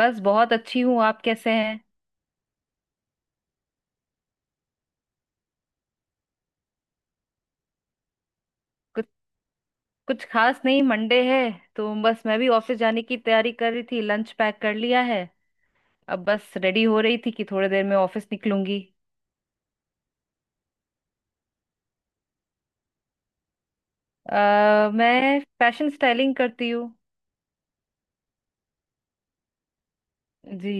बस बहुत अच्छी हूँ। आप कैसे हैं? कुछ कुछ खास नहीं, मंडे है तो बस मैं भी ऑफिस जाने की तैयारी कर रही थी। लंच पैक कर लिया है, अब बस रेडी हो रही थी कि थोड़ी देर में ऑफिस निकलूंगी। मैं फैशन स्टाइलिंग करती हूँ। जी,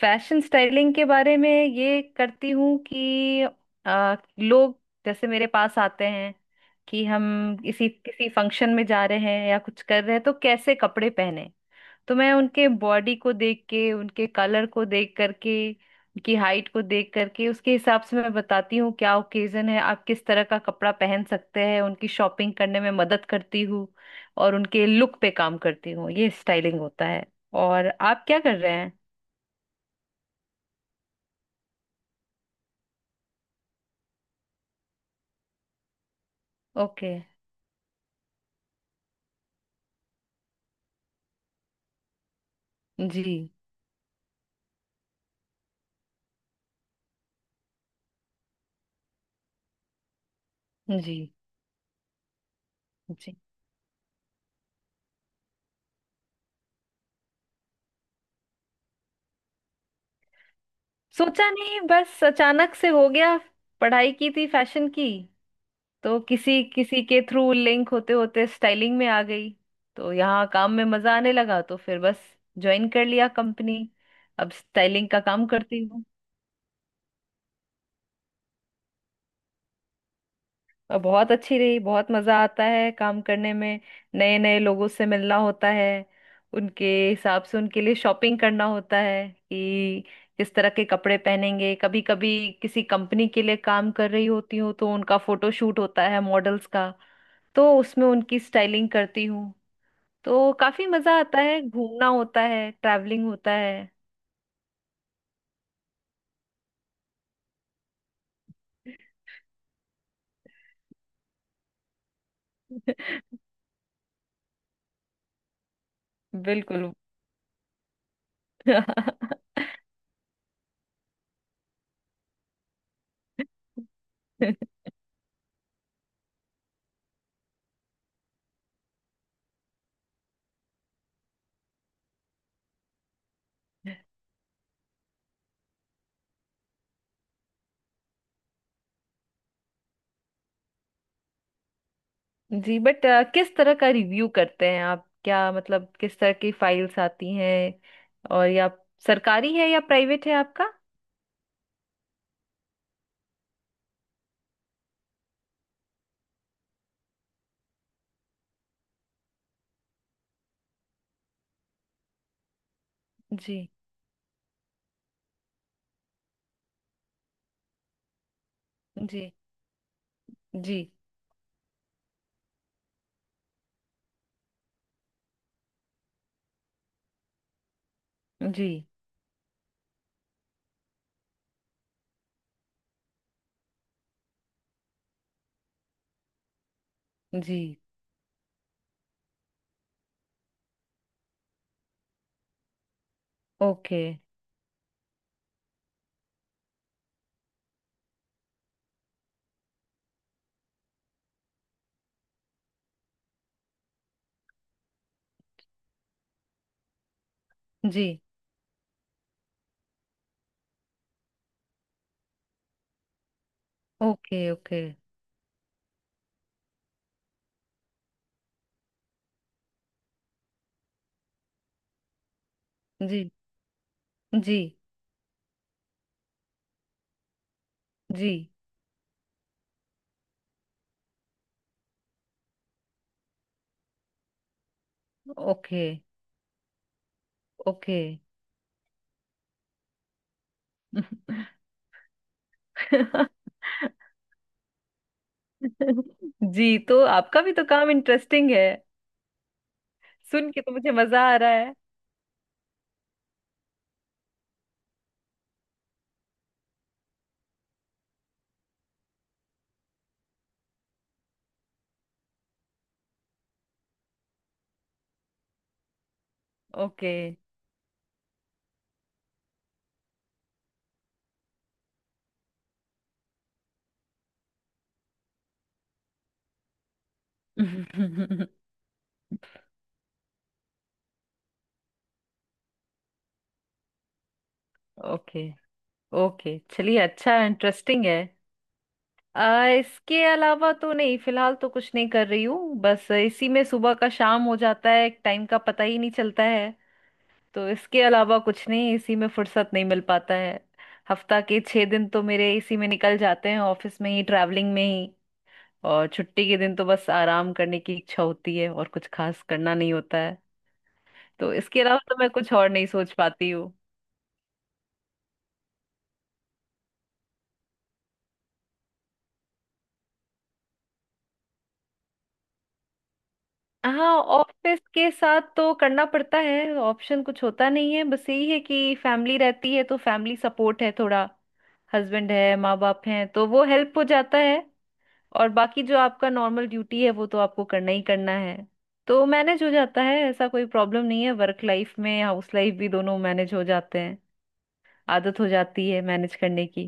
फैशन स्टाइलिंग के बारे में ये करती हूँ कि लोग जैसे मेरे पास आते हैं कि हम किसी किसी फंक्शन में जा रहे हैं या कुछ कर रहे हैं तो कैसे कपड़े पहने। तो मैं उनके बॉडी को देख के, उनके कलर को देख करके, उनकी हाइट को देख करके उसके हिसाब से मैं बताती हूँ क्या ओकेजन है, आप किस तरह का कपड़ा पहन सकते हैं। उनकी शॉपिंग करने में मदद करती हूँ और उनके लुक पे काम करती हूँ। ये स्टाइलिंग होता है। और आप क्या कर रहे हैं? ओके। जी जी जी। सोचा नहीं, बस अचानक से हो गया। पढ़ाई की थी फैशन की, तो किसी किसी के थ्रू लिंक होते होते स्टाइलिंग में आ गई। तो यहाँ काम में मजा आने लगा, तो फिर बस ज्वाइन कर लिया कंपनी। अब स्टाइलिंग का काम करती हूँ। और बहुत अच्छी रही, बहुत मजा आता है काम करने में। नए नए लोगों से मिलना होता है, उनके हिसाब से उनके लिए शॉपिंग करना होता है कि किस तरह के कपड़े पहनेंगे। कभी कभी किसी कंपनी के लिए काम कर रही होती हूँ तो उनका फोटो शूट होता है मॉडल्स का, तो उसमें उनकी स्टाइलिंग करती हूँ। तो काफी मजा आता है, घूमना होता है, ट्रैवलिंग होता है। बिल्कुल। जी, बट किस तरह का रिव्यू करते हैं आप? क्या मतलब किस तरह की फाइल्स आती हैं? और या सरकारी है या प्राइवेट है आपका? जी। जी। जी। जी। जी। ओके। जी। ओके। ओके। जी जी जी। ओके। ओके। जी, तो आपका भी तो काम इंटरेस्टिंग है, सुन के तो मुझे मजा आ रहा है। ओके। ओके। ओके चलिए, अच्छा इंटरेस्टिंग है। इसके अलावा तो नहीं, फिलहाल तो कुछ नहीं कर रही हूँ, बस इसी में सुबह का शाम हो जाता है, टाइम का पता ही नहीं चलता है। तो इसके अलावा कुछ नहीं, इसी में फुर्सत नहीं मिल पाता है। हफ्ता के 6 दिन तो मेरे इसी में निकल जाते हैं ऑफिस में ही, ट्रैवलिंग में ही। और छुट्टी के दिन तो बस आराम करने की इच्छा होती है और कुछ खास करना नहीं होता है। तो इसके अलावा तो मैं कुछ और नहीं सोच पाती हूँ। हाँ, ऑफिस के साथ तो करना पड़ता है, ऑप्शन कुछ होता नहीं है। बस यही है कि फैमिली रहती है तो फैमिली सपोर्ट है थोड़ा। हस्बैंड है, माँ बाप हैं, तो वो हेल्प हो जाता है। और बाकी जो आपका नॉर्मल ड्यूटी है वो तो आपको करना ही करना है। तो मैनेज हो जाता है, ऐसा कोई प्रॉब्लम नहीं है। वर्क लाइफ में, हाउस लाइफ भी दोनों मैनेज हो जाते हैं। आदत हो जाती है मैनेज करने की।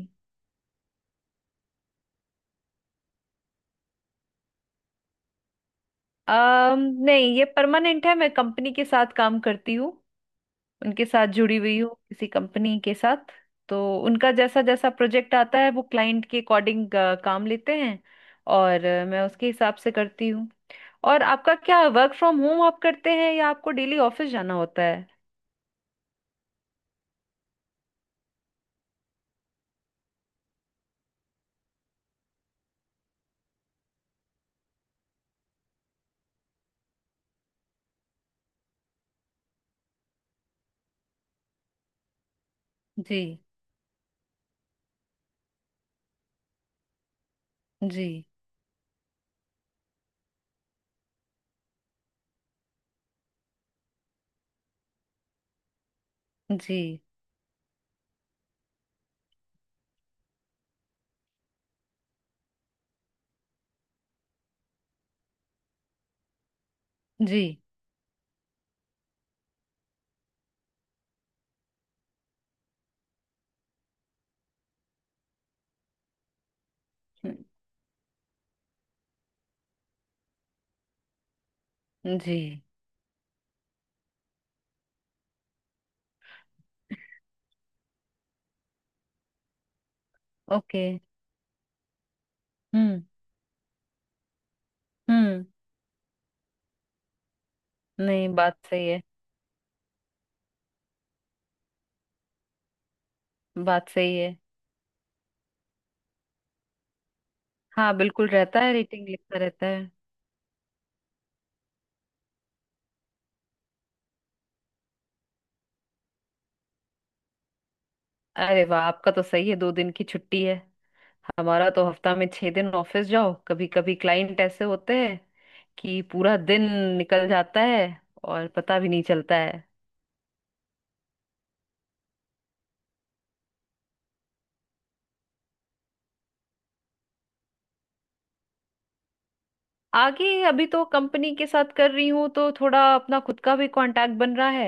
अम नहीं, ये परमानेंट है। मैं कंपनी के साथ काम करती हूँ, उनके साथ जुड़ी हुई हूँ किसी कंपनी के साथ। तो उनका जैसा जैसा प्रोजेक्ट आता है वो क्लाइंट के अकॉर्डिंग काम लेते हैं, और मैं उसके हिसाब से करती हूँ। और आपका क्या, वर्क फ्रॉम होम आप करते हैं या आपको डेली ऑफिस जाना होता है? जी। जी। जी। जी। हम्म। जी। ओके। हम्म हम्म। नहीं, बात सही है। बात सही है। हाँ बिल्कुल, रहता है, रेटिंग लिखता रहता है। अरे वाह, आपका तो सही है, 2 दिन की छुट्टी है। हमारा तो हफ्ता में 6 दिन ऑफिस जाओ। कभी कभी क्लाइंट ऐसे होते हैं कि पूरा दिन निकल जाता है और पता भी नहीं चलता है। आगे अभी तो कंपनी के साथ कर रही हूँ, तो थोड़ा अपना खुद का भी कांटेक्ट बन रहा है।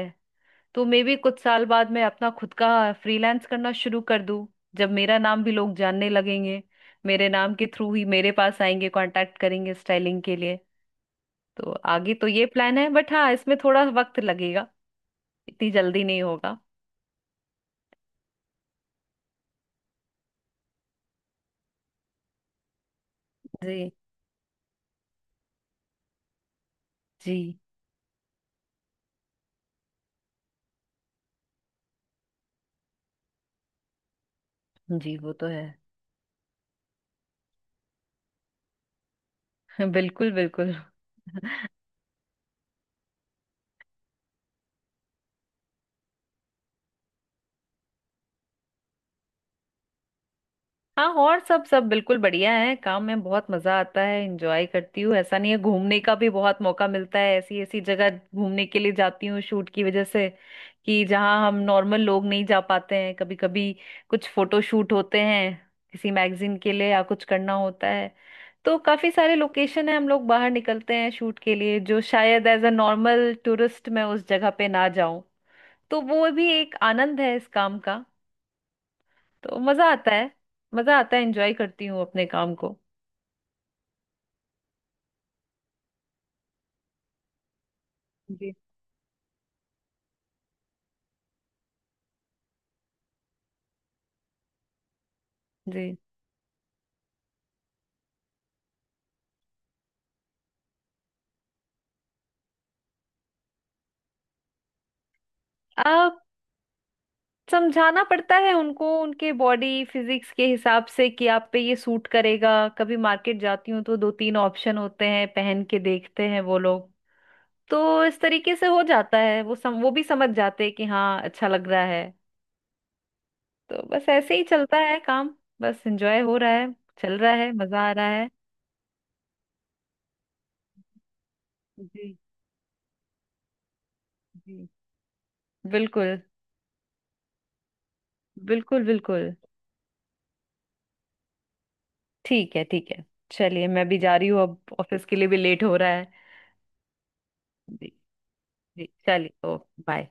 तो मे भी कुछ साल बाद मैं अपना खुद का फ्रीलांस करना शुरू कर दूं, जब मेरा नाम भी लोग जानने लगेंगे, मेरे नाम के थ्रू ही मेरे पास आएंगे, कांटेक्ट करेंगे स्टाइलिंग के लिए। तो आगे तो ये प्लान है, बट हाँ इसमें थोड़ा वक्त लगेगा, इतनी जल्दी नहीं होगा। जी जी जी, वो तो है। बिल्कुल बिल्कुल। हाँ, और सब सब बिल्कुल बढ़िया है, काम में बहुत मजा आता है, एंजॉय करती हूँ ऐसा नहीं है। घूमने का भी बहुत मौका मिलता है, ऐसी ऐसी जगह घूमने के लिए जाती हूँ शूट की वजह से, कि जहाँ हम नॉर्मल लोग नहीं जा पाते हैं। कभी कभी कुछ फोटो शूट होते हैं किसी मैगजीन के लिए या कुछ करना होता है, तो काफी सारे लोकेशन है, हम लोग बाहर निकलते हैं शूट के लिए जो शायद एज अ नॉर्मल टूरिस्ट मैं उस जगह पे ना जाऊं। तो वो भी एक आनंद है इस काम का। तो मजा आता है, मजा आता है, एंजॉय करती हूँ अपने काम को। जी। जी। अब समझाना पड़ता है उनको उनके बॉडी फिजिक्स के हिसाब से कि आप पे ये सूट करेगा। कभी मार्केट जाती हूँ तो 2-3 ऑप्शन होते हैं, पहन के देखते हैं वो लोग। तो इस तरीके से हो जाता है, वो भी समझ जाते हैं कि हाँ अच्छा लग रहा है। तो बस ऐसे ही चलता है काम। बस एंजॉय हो रहा है, चल रहा है, मजा आ रहा है। जी। जी। बिल्कुल बिल्कुल बिल्कुल। ठीक है ठीक है, चलिए मैं भी जा रही हूँ, अब ऑफिस के लिए भी लेट हो रहा है। जी। जी चलिए ओ, बाय।